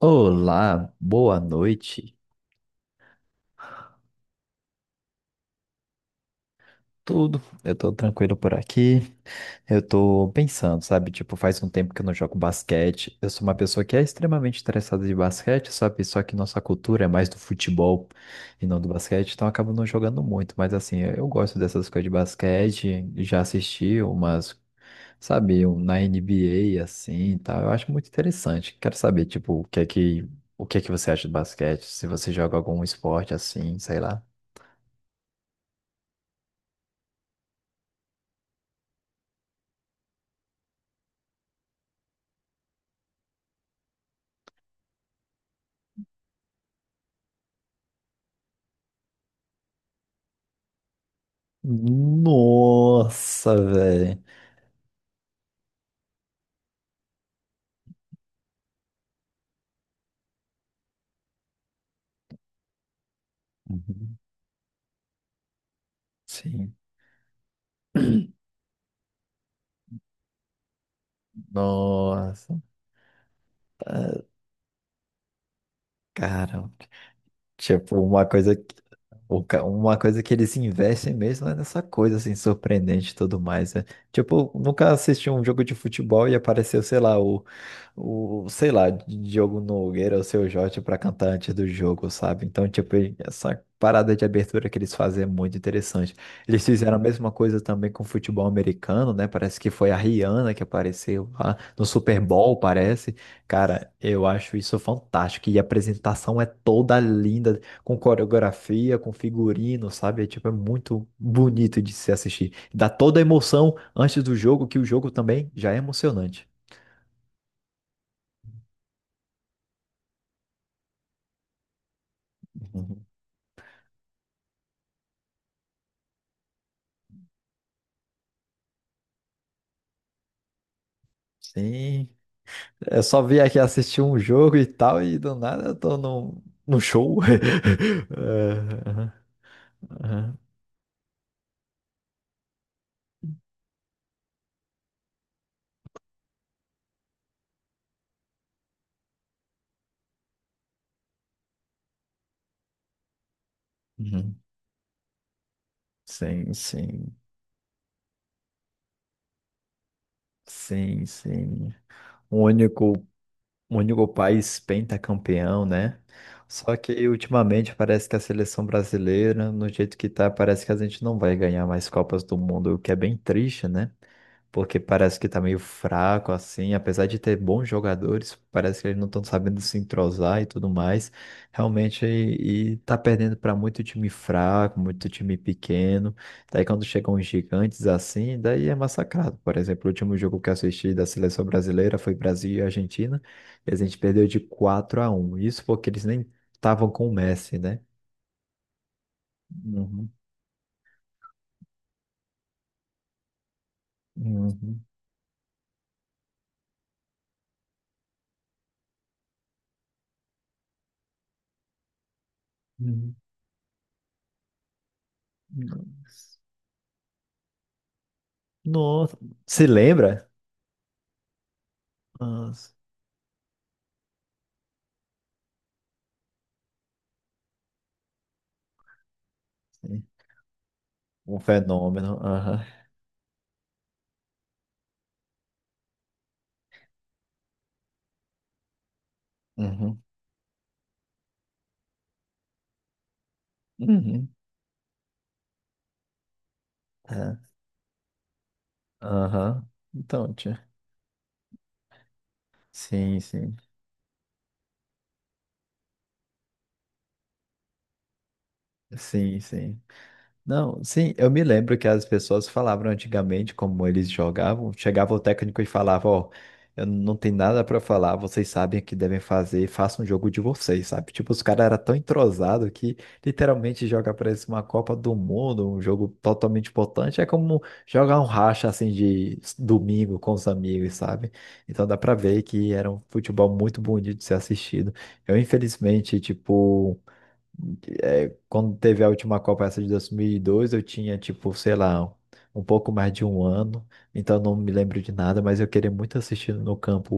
Olá, boa noite. Tudo, eu tô tranquilo por aqui. Eu tô pensando, sabe? Tipo, faz um tempo que eu não jogo basquete. Eu sou uma pessoa que é extremamente interessada de basquete, sabe? Só que nossa cultura é mais do futebol e não do basquete, então eu acabo não jogando muito. Mas assim, eu gosto dessas coisas de basquete. Já assisti sabe, um na NBA assim e tal. Eu acho muito interessante. Quero saber, tipo, o que é que você acha de basquete? Se você joga algum esporte assim, sei lá. Nossa, velho. Uhum. Sim. Nossa. Ah, caramba. Tipo, uma coisa. Uma coisa que eles investem mesmo é nessa coisa, assim, surpreendente e tudo mais, né? Tipo, nunca assisti um jogo de futebol e apareceu, sei lá, o sei lá, Diogo Nogueira ou Seu Jorge pra cantar antes do jogo, sabe? Então, tipo, essa parada de abertura que eles fazem é muito interessante. Eles fizeram a mesma coisa também com o futebol americano, né? Parece que foi a Rihanna que apareceu lá no Super Bowl, parece. Cara, eu acho isso fantástico. E a apresentação é toda linda com coreografia, com figurino, sabe? É, tipo, é muito bonito de se assistir. Dá toda a emoção antes do jogo, que o jogo também já é emocionante. Uhum. Sim, eu só vim aqui assistir um jogo e tal, e do nada eu tô num show. É, aham, aham, uhum. Sim, sim, sim, sim. O único O único país pentacampeão, né? Só que ultimamente parece que a seleção brasileira, no jeito que tá, parece que a gente não vai ganhar mais Copas do Mundo, o que é bem triste, né? Porque parece que tá meio fraco assim, apesar de ter bons jogadores, parece que eles não estão sabendo se entrosar e tudo mais. Realmente, e tá perdendo para muito time fraco, muito time pequeno. Daí quando chegam os gigantes assim, daí é massacrado. Por exemplo, o último jogo que eu assisti da seleção brasileira foi Brasil e Argentina, e a gente perdeu de 4-1. Isso porque eles nem estavam com o Messi, né? Uhum, uhum, uhum. Nossa, nossa. Se lembra? Nossa. Um fenômeno. Aham. Uhum. Uhum. É. Aham. Então, tia. Sim, sim. Sim, sim. Não, sim, eu me lembro que as pessoas falavam antigamente como eles jogavam. Chegava o técnico e falava, ó, eu não tenho nada pra falar, vocês sabem o que devem fazer, façam um jogo de vocês, sabe? Tipo, os caras eram tão entrosados que literalmente joga parece uma Copa do Mundo, um jogo totalmente importante. É como jogar um racha assim de domingo com os amigos, sabe? Então dá pra ver que era um futebol muito bonito de ser assistido. Eu, infelizmente, tipo. É, quando teve a última Copa, essa de 2002 eu tinha, tipo, sei lá, um pouco mais de um ano, então não me lembro de nada, mas eu queria muito assistir no campo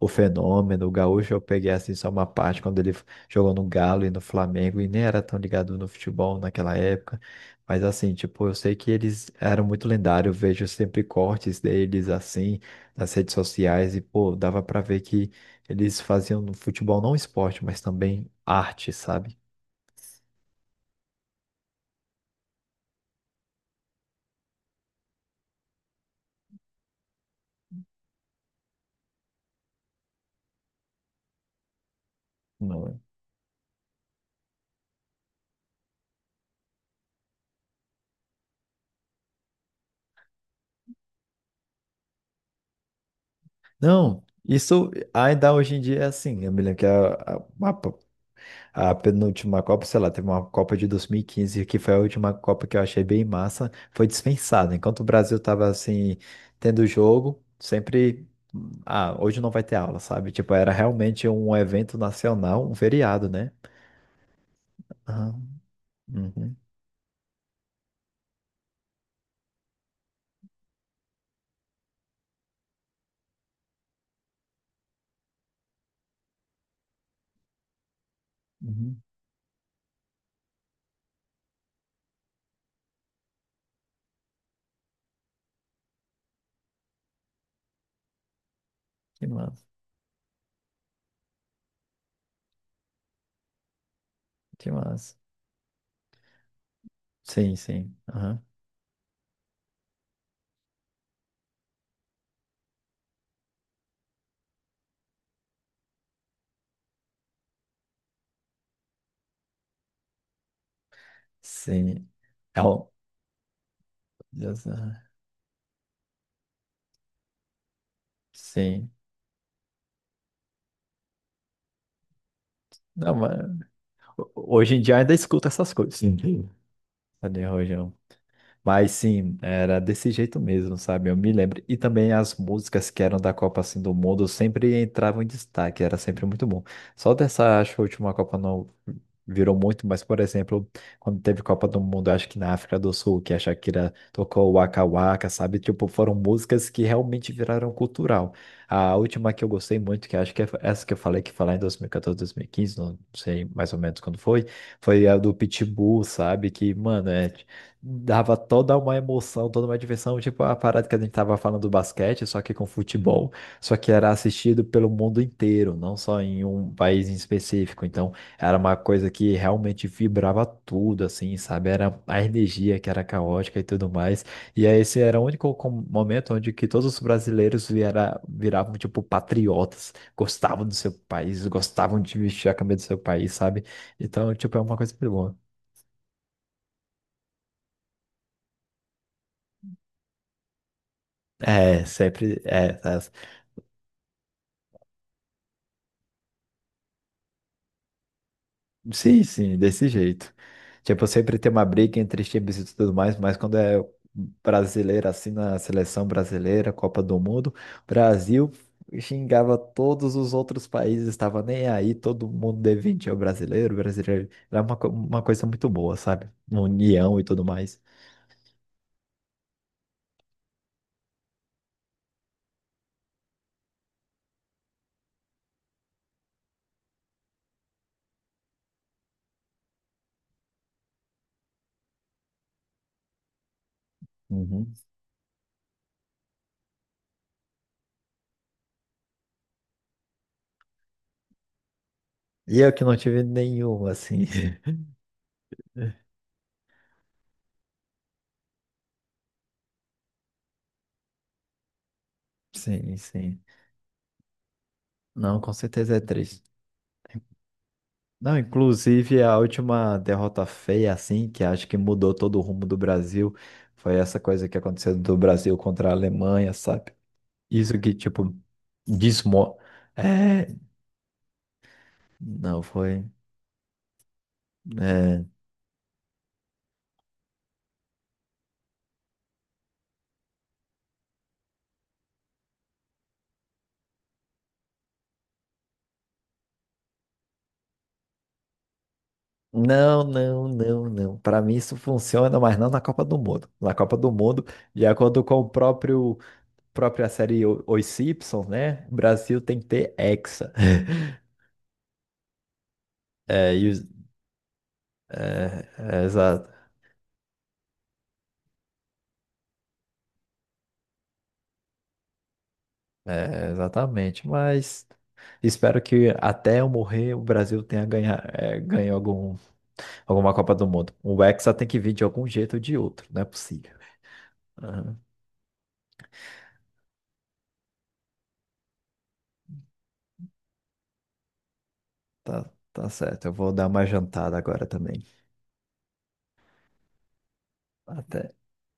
o Fenômeno, o Gaúcho. Eu peguei, assim, só uma parte quando ele jogou no Galo e no Flamengo, e nem era tão ligado no futebol naquela época, mas assim, tipo, eu sei que eles eram muito lendários, eu vejo sempre cortes deles, assim, nas redes sociais, e, pô, dava pra ver que eles faziam no futebol não esporte, mas também arte, sabe? Não, não, isso ainda hoje em dia é assim. Eu me lembro que a a penúltima Copa, sei lá, teve uma Copa de 2015 que foi a última Copa que eu achei bem massa, foi dispensada. Enquanto o Brasil tava assim, tendo jogo, sempre. Ah, hoje não vai ter aula, sabe? Tipo, era realmente um evento nacional, um feriado, né? Aham, uhum, uhum. Que massa, que massa. Sim, sim. Aham, sim. É um- Deus, aham, sim. Não, mas. Hoje em dia ainda escuta essas coisas. Sim. Cadê o Rojão? Mas sim, era desse jeito mesmo, sabe? Eu me lembro. E também as músicas que eram da Copa assim do Mundo sempre entravam em destaque, era sempre muito bom. Só dessa, acho que a última Copa não virou muito, mas por exemplo, quando teve Copa do Mundo, acho que na África do Sul, que a Shakira tocou Waka Waka, sabe? Tipo, foram músicas que realmente viraram cultural. A última que eu gostei muito, que acho que é essa que eu falei, que falar em dois mil e quatorze, 2015 não sei mais ou menos quando foi, foi a do Pitbull, sabe? Que, mano, dava toda uma emoção, toda uma diversão, tipo a parada que a gente tava falando do basquete, só que com futebol, só que era assistido pelo mundo inteiro, não só em um país em específico. Então, era uma coisa que realmente vibrava tudo, assim, sabe? Era a energia que era caótica e tudo mais. E aí, esse era o único momento onde que todos os brasileiros viravam, tipo, patriotas, gostavam do seu país, gostavam de vestir a camisa do seu país, sabe? Então, tipo, é uma coisa muito boa. É, sempre é. Sim, sim, desse jeito. Tipo, sempre tem uma briga entre os times e tudo mais, mas quando é brasileiro, assim, na seleção brasileira, Copa do Mundo, Brasil xingava todos os outros países, estava nem aí, todo mundo devente ao brasileiro, brasileiro. Era uma coisa muito boa, sabe? União e tudo mais. Uhum. E eu que não tive nenhum assim. Sim, sim. Não, com certeza é triste. Não, inclusive a última derrota feia, assim, que acho que mudou todo o rumo do Brasil, foi essa coisa que aconteceu do Brasil contra a Alemanha, sabe? Isso que, tipo, desmo... É, não foi... é, não, não, não, não. Para mim isso funciona, mas não na Copa do Mundo. Na Copa do Mundo, de acordo com o próprio própria série Os Simpsons, né? O Brasil tem que ter hexa. É, e é, é, exato. É, exatamente, mas espero que até eu morrer o Brasil tenha ganho algum, alguma Copa do Mundo. O Hexa tem que vir de algum jeito ou de outro, não é possível. Aham. Tá, tá certo, eu vou dar uma jantada agora também. Até.